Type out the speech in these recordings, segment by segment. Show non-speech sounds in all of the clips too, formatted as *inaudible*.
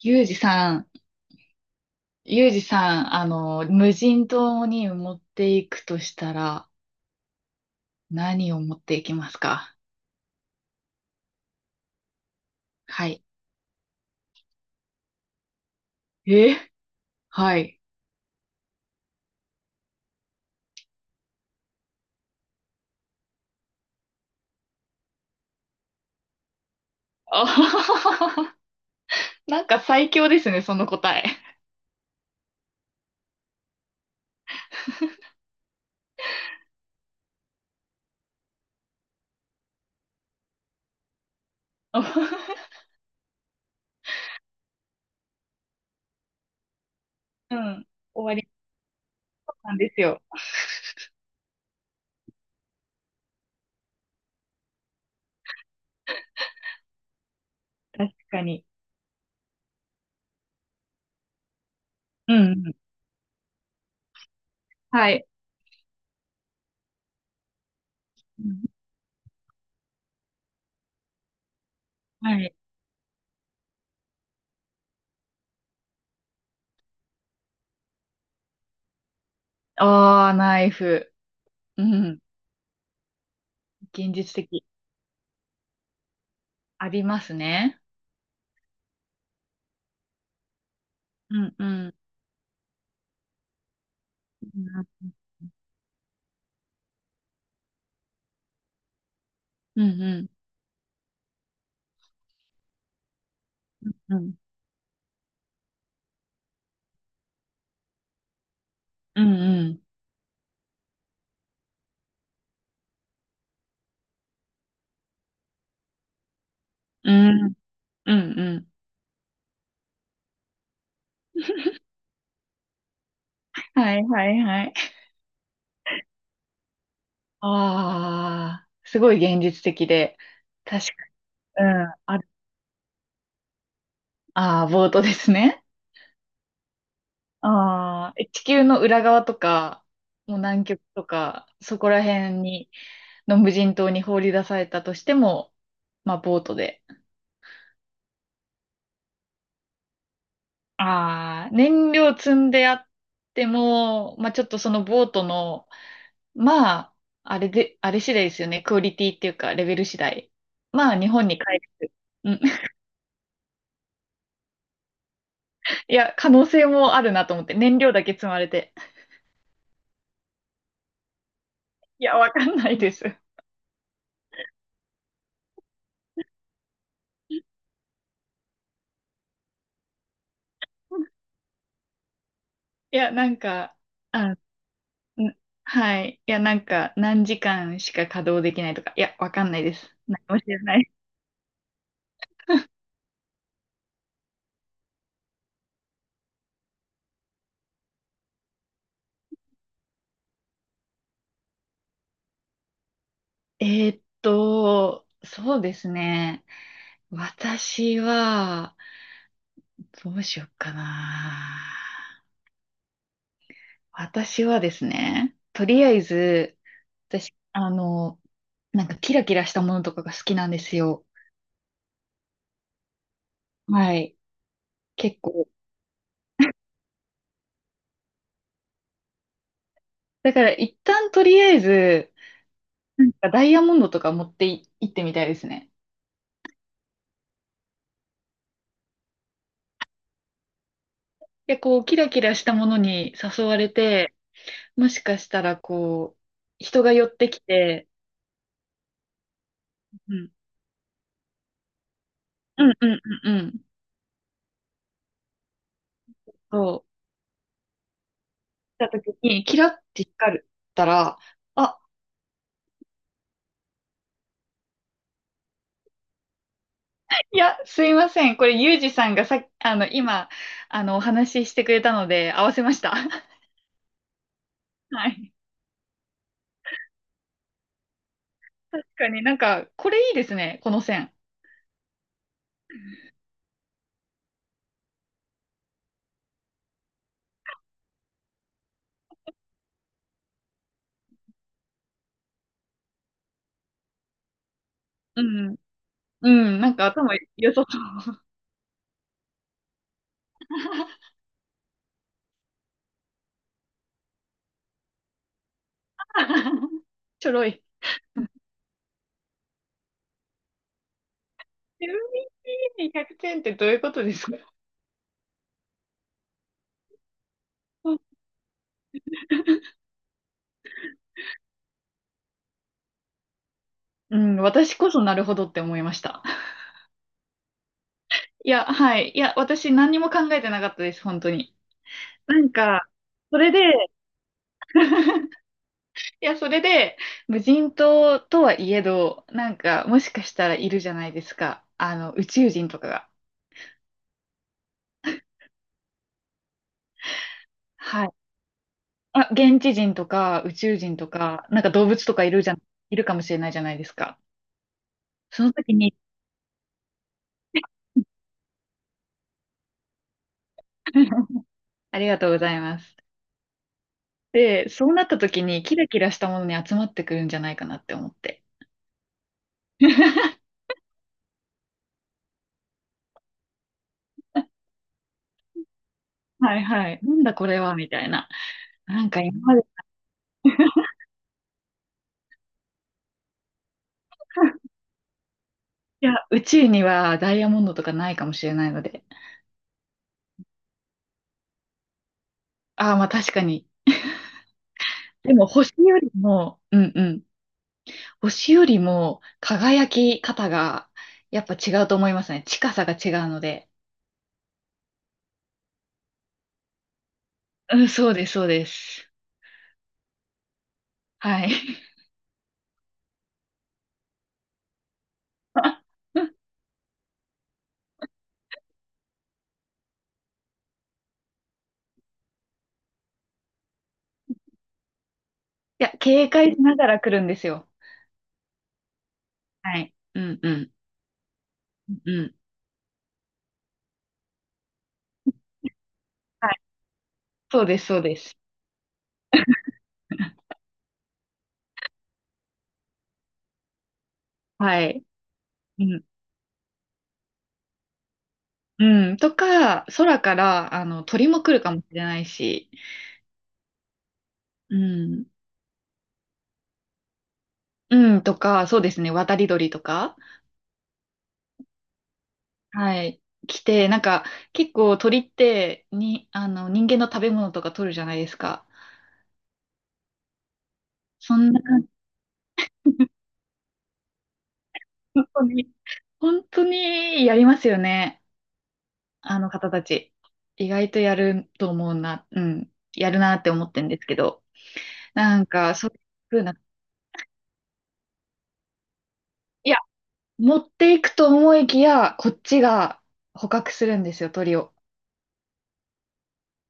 ユージさん、ユージさん、無人島に持っていくとしたら、何を持っていきますか？はい。えはい。*laughs* あはははは。なんか最強ですね、その答え。*laughs* うん。終わりなんですよ。確かに。うん。うん。はい。うん。はい。ああ、ナイフ。うん。現実的。ありますね。うん、うん。うん、うん、うん。うん、うん。うん、うん。うんうん。はいはいはい。ああ、すごい現実的で。確か、うん、ある。ああ、ボートですね。ああ、地球の裏側とか、もう南極とか、そこら辺に、の無人島に放り出されたとしても、まあ、ボートで。ああ、燃料積んであっても、まあ、ちょっとそのボートの、まあ、あれで、あれ次第ですよね。クオリティっていうか、レベル次第。まあ、日本に帰る。いや、可能性もあるなと思って、燃料だけ積まれて。*laughs* いや、わかんないです。いや、なんか、あ、んはい。いや、なんか、何時間しか稼働できないとか、いや、わかんないです。何も知らない。えそうですね。私は、どうしよっかな。私はですね、とりあえず、私、なんかキラキラしたものとかが好きなんですよ。はい。結構。だから一旦とりあえず、うん、ダイヤモンドとか持ってい行ってみたいですね。で、こう、キラキラしたものに誘われて、もしかしたら、こう、人が寄ってきて、うん、うん、うん、うん、うん、そう、来た時に、キラって光ったら、あ、いや、すいません。これ、ユージさんがさっき、今、お話ししてくれたので、合わせました。*laughs* はい。確かになんか、これいいですね、この線。うん、うん、なんか頭良さそう。*laughs* *laughs* ちょろい。エムビーティーに100点ってどういうことですか？うん、私こそなるほどって思いました。いや、はい。いや、私何にも考えてなかったです、本当に。なんか、それで、いや、それで、無人島とはいえど、なんか、もしかしたらいるじゃないですか。宇宙人とかが。はい。あ、現地人とか、宇宙人とか、なんか動物とかいるじゃん、いるかもしれないじゃないですか。その時に *laughs* ありがとうございます。で、そうなった時にキラキラしたものに集まってくるんじゃないかなって思って。*laughs* はいはい。なんだこれはみたいな。なんか今まで、*laughs* いや、宇宙にはダイヤモンドとかないかもしれないので。ああ、まあ確かに。でも星よりも、うんうん。星よりも輝き方がやっぱ違うと思いますね。近さが違うので。うん、そうです、そうです。はい。*laughs* いや、警戒しながら来るんですよ。はい。うんうん。うんうん。はい。そうです、そうです。はい。うん。うん。とか、空から、鳥も来るかもしれないし、うん。うん。とか、そうですね。渡り鳥とか、はい。来て、なんか、結構鳥って、に、人間の食べ物とか取るじゃないですか。そんな感じ。本当に、本当にやりますよね。あの方たち。意外とやると思うな、うん。やるなって思ってるんですけど。なんか、そういう風な、いや、持っていくと思いきや、こっちが捕獲するんですよ、鳥を。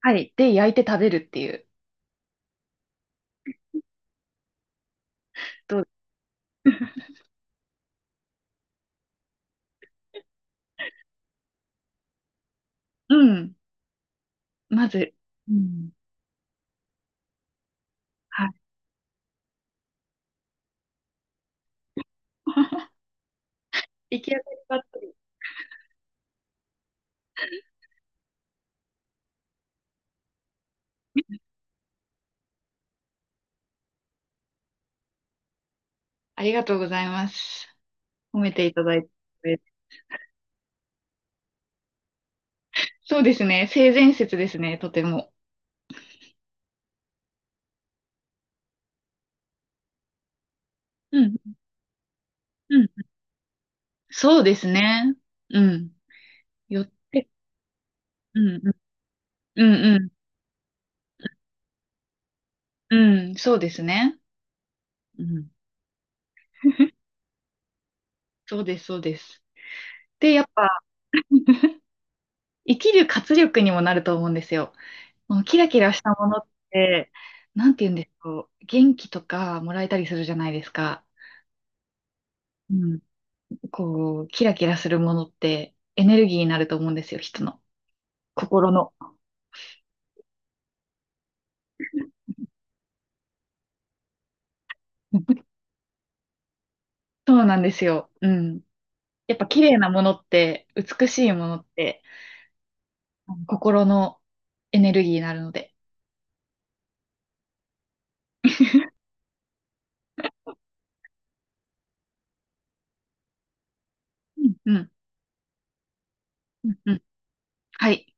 はい。で、焼いて食べるっていう。どう。うん。まず、うん。はい。*laughs* 行き当たりばったり。ありがとうございます。褒めていただいて。そうですね。性善説ですね、とても。うん。うん。そうですね。うん。寄って、うん。うん。うん。うん。そうですね。うん。*laughs* そうです、そうです。で、やっぱ、生きる活力にもなると思うんですよ。もうキラキラしたものって、なんて言うんでしょう。元気とかもらえたりするじゃないですか。うん。こう、キラキラするものってエネルギーになると思うんですよ、人の。心の。*laughs* そうなんですよ。うん。やっぱ綺麗なものって、美しいものって、心のエネルギーになるので。うん、うん、うん、うん。はい。